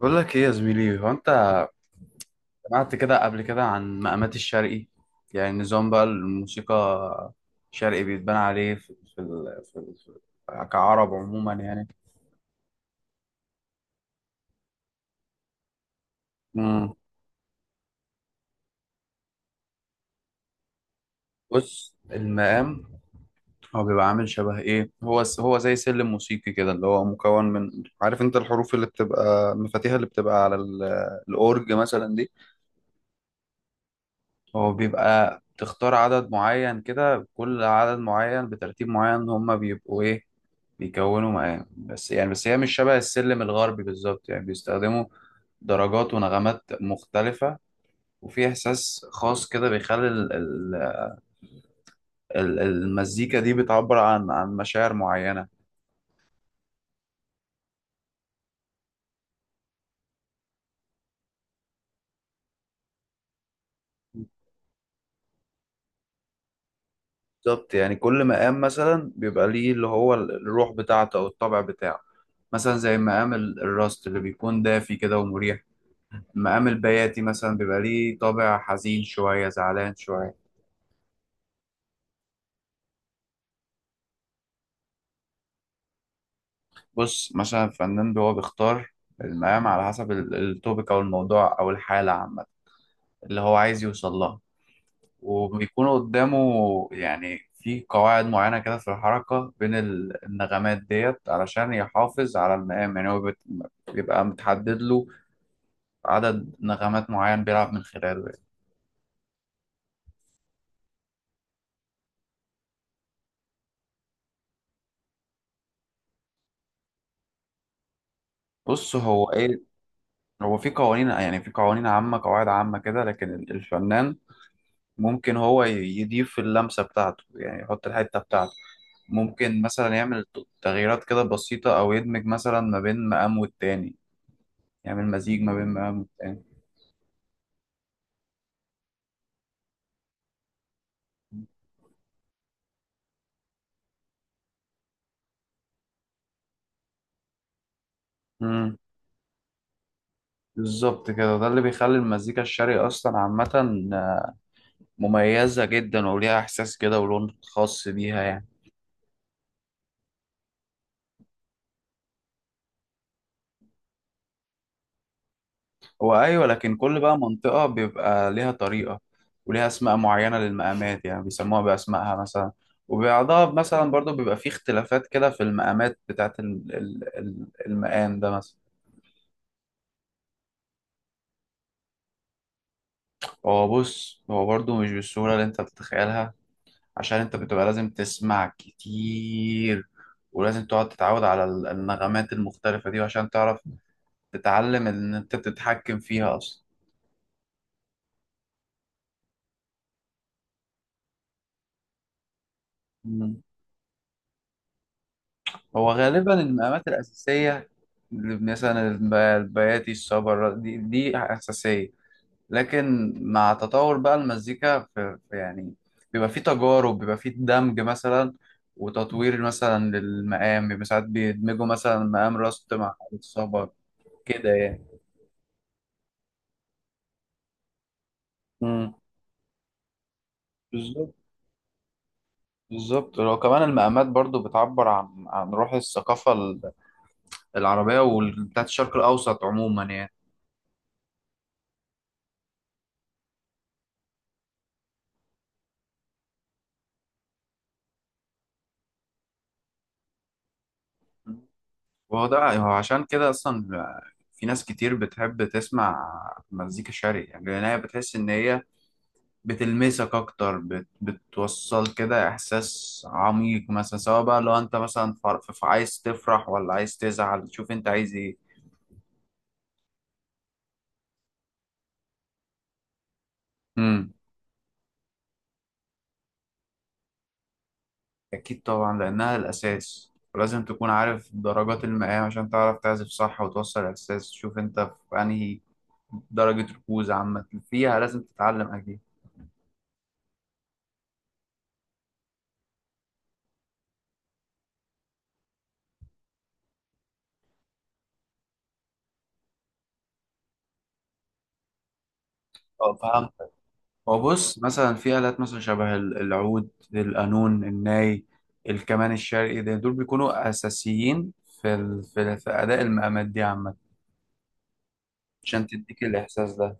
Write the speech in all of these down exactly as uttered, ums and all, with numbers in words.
بقول لك ايه يا زميلي؟ هو انت سمعت كده قبل كده عن مقامات الشرقي؟ يعني نظام بقى الموسيقى الشرقي بيتبنى عليه في في, ال... في, ال... في كعرب عموما يعني. مم. بص، المقام هو بيبقى عامل شبه ايه؟ هو س- هو زي سلم موسيقي كده، اللي هو مكون من، عارف انت الحروف اللي بتبقى مفاتيحها اللي بتبقى على ال... الاورج مثلا دي. هو بيبقى تختار عدد معين كده، كل عدد معين بترتيب معين هما بيبقوا ايه؟ بيكونوا معاه بس يعني، بس هي مش شبه السلم الغربي بالظبط، يعني بيستخدموا درجات ونغمات مختلفة. وفي إحساس خاص كده بيخلي ال- ال- ال- المزيكا دي بتعبر عن عن مشاعر معينة. بالظبط، يعني كل مقام مثلا بيبقى ليه اللي هو ال- الروح بتاعته أو الطبع بتاعه. مثلا زي مقام ال- الراست اللي بيكون دافي كده ومريح. مقام البياتي مثلا بيبقى ليه طابع حزين شوية، زعلان شوية. بص، مثلا الفنان هو بيختار المقام على حسب ال- التوبيك او الموضوع او الحاله عامه، اللي هو عايز يوصل لها. وبيكون قدامه يعني في قواعد معينه كده في الحركه بين ال- النغمات ديت علشان يحافظ على المقام. يعني هو بت- بيبقى متحدد له عدد نغمات معين بيلعب من خلاله يعني. بص هو ايه، هو في قوانين، يعني في قوانين عامه، قواعد عامه كده، لكن ال- الفنان ممكن هو ي- يضيف اللمسة بتاعته، يعني يحط الحتة بتاعته. ممكن مثلا يعمل ت- تغييرات كده بسيطة، أو يدمج مثلا ما بين مقام والتاني، يعمل مزيج ما بين مقام والتاني. مم. بالظبط كده، ده اللي بيخلي المزيكا الشرقي أصلا عامة مميزة جدا، وليها إحساس كده ولون خاص بيها يعني. هو أيوة، لكن كل بقى منطقة بيبقى ليها طريقة وليها أسماء معينة للمقامات، يعني بيسموها بأسمائها مثلا. وبعضها مثلا برضو بيبقى فيه اختلافات كده في المقامات بتاعة ال- ال- ال- المقام ده مثلا. هو بص، هو برضو مش بالسهولة اللي أنت بتتخيلها، عشان أنت بتبقى لازم تسمع كتير، ولازم تقعد تتعود على ال- النغمات المختلفة دي عشان تعرف تتعلم إن أنت تتحكم فيها أصلا. هو غالبا المقامات الأساسية اللي مثلا الب- البياتي، الصبر، دي دي أساسية. لكن مع تطور بقى المزيكا في في- يعني بيبقى فيه تجارب، بيبقى فيه دمج مثلا وتطوير مثلا للمقام. بيبقى ساعات بيدمجوا مثلا مقام راست مع الصبر كده يعني. امم بالظبط بالظبط. لو كمان المقامات برضو بتعبر عن عن روح الثقافة ال- العربية وال- بتاعت الشرق الأوسط عموما يعني. وهو ده، هو عشان كده أصلا في ناس كتير بتحب تسمع مزيكا شرقي، يعني لأن هي بتحس إن هي بتلمسك أكتر، بت... بتوصل كده إحساس عميق مثلا. سواء بقى لو أنت مثلا فر... ف- عايز تفرح ولا عايز تزعل، شوف أنت عايز إيه. امم أكيد طبعا، لأنها الأساس، ولازم تكون عارف درجات المقام عشان تعرف تعزف صح وتوصل الإحساس. شوف أنت في أنهي درجة ركوز عامة فيها. لازم تتعلم أكيد. أه، فهمتك. هو بص، مثلا في آلات مثلا شبه ال- العود، القانون، الناي، الكمان الشرقي. ده دول بيكونوا أساسيين في ال... في, ال- في أداء المقامات دي عامة، عشان تديك الإحساس ده.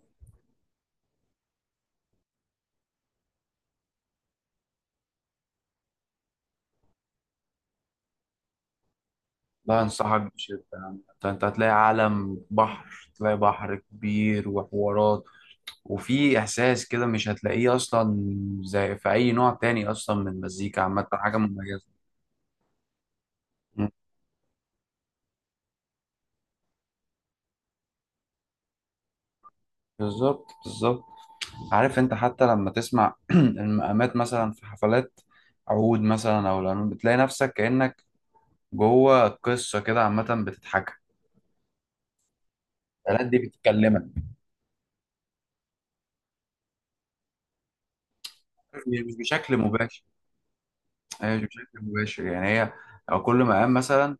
لا، أنصحك بشدة يعني. أنت أنت هتلاقي عالم بحر، تلاقي بحر كبير وحوارات. وفي إحساس كده مش هتلاقيه أصلا زي في أي نوع تاني أصلا من المزيكا عامة، حاجة مميزة. مم. بالظبط بالظبط. عارف انت حتى لما تسمع المقامات مثلا في حفلات عود مثلا او القانون، بتلاقي نفسك كأنك جوه قصة كده عامة بتضحكها. الآلات دي بتكلمك، مش مش بشكل مباشر. هي مش بشكل مباشر يعني، هي لو كل مقام مثلا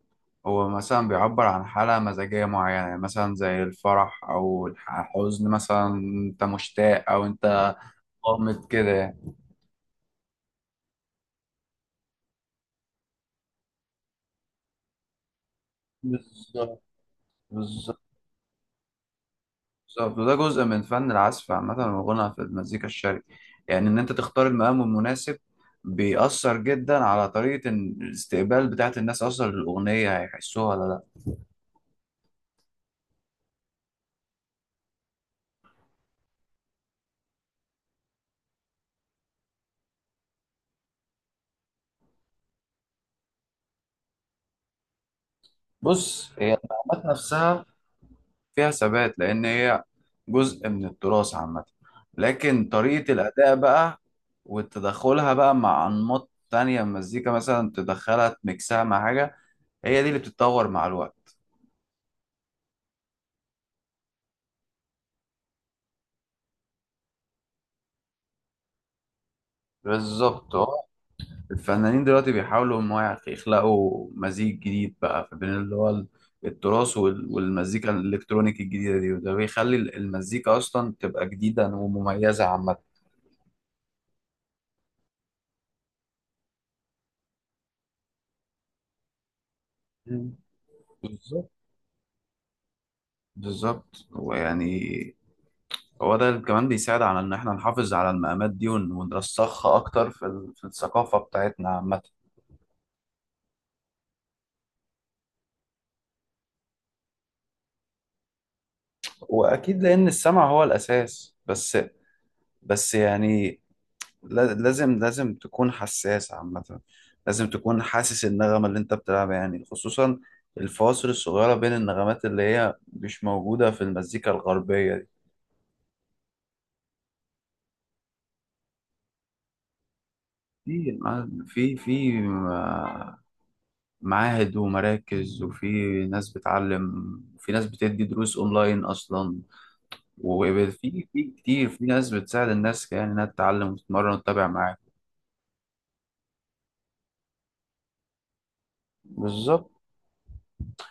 هو مثلا بيعبر عن حالة مزاجية معينة. يعني مثلا زي الفرح أو الح- الحزن مثلا، أنت مشتاق أو أنت قامت كده يعني. بالظبط، بالظبط، بالظبط. وده جزء من فن العزف عامة والغنى في المزيكا الشرقي، يعني إن أنت تختار المقام المناسب بيأثر جدا على طريقة إن- الاستقبال بتاعة الناس أصلا للأغنية، هيحسوها ولا لأ. بص، هي المقامات نفسها فيها ثبات، لأن هي جزء من التراث عامة. لكن طريقة الأداء بقى وتدخلها بقى مع أنماط تانية من المزيكا، مثلا تدخلها تميكسها مع حاجة، هي دي اللي بتتطور مع الوقت. بالظبط. الفنانين دلوقتي بيحاولوا ان هو يخلقوا مزيج جديد بقى بين اللي هو ال- التراث وال- والمزيكا الالكترونيك الجديده دي، وده بيخلي ال- المزيكا اصلا تبقى جديده ومميزه عامه. مم. بالظبط بالظبط. ويعني هو ده اللي كمان بيساعد على ان احنا نحافظ على المقامات دي ون- ونرسخها اكتر في ال- في الثقافه بتاعتنا عامه. واكيد، لان السمع هو الاساس، بس بس يعني لا- لازم لازم تكون حساس عامة، لازم تكون حاسس النغمة اللي انت بتلعبها، يعني خصوصا الفواصل الصغيرة بين النغمات اللي هي مش موجودة في المزيكا الغربية. دي في في في معاهد ومراكز، وفي ناس بتعلم، وفي ناس بتدي دروس اونلاين اصلا، وفي في كتير، في ناس بتساعد الناس يعني انها تتعلم وتتمرن وتتابع معاك. بالظبط.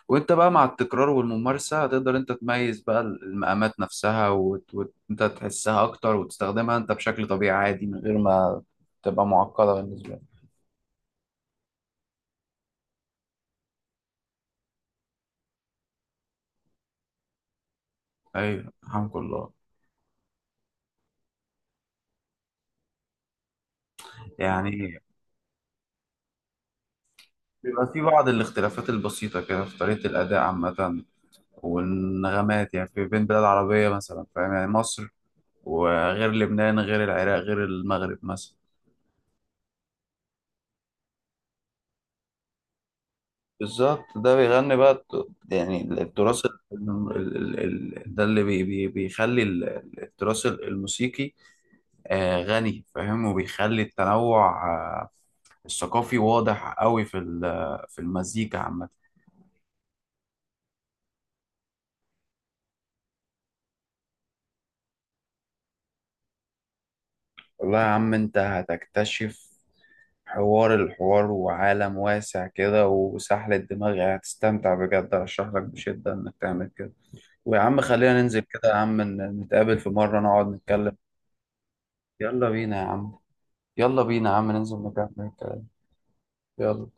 وانت بقى مع التكرار والممارسة هتقدر انت تميز بقى المقامات نفسها، وانت وت... وت- انت تحسها اكتر وتستخدمها انت بشكل طبيعي عادي، من غير ما تبقى معقدة بالنسبة لك. ايوه، الحمد لله. يعني بيبقى في بعض الاختلافات البسيطة كده في طريقة الأداء عامة والنغمات، يعني في بين بلاد عربية مثلا فاهم، يعني مصر وغير لبنان غير العراق غير المغرب مثلا. بالظبط، ده بيغني بقى الت- يعني التراث ال- ال- ال- ال- ده اللي بي بي بيخلي ال- ال- التراث ال- الموسيقي آه، غني فاهم، وبيخلي التنوع آه، الثقافي واضح قوي في ال- في المزيكا عامة. والله يا عم، انت هتكتشف حوار الحوار وعالم واسع كده وسحلة دماغي، هتستمتع بجد. ارشح لك بشدة انك تعمل كده. ويا عم خلينا ننزل كده يا عم، ن- نتقابل في مرة نقعد نتكلم. يلا بينا يا عم. يلا بينا يا عم ننزل نكمل الكلام. يلا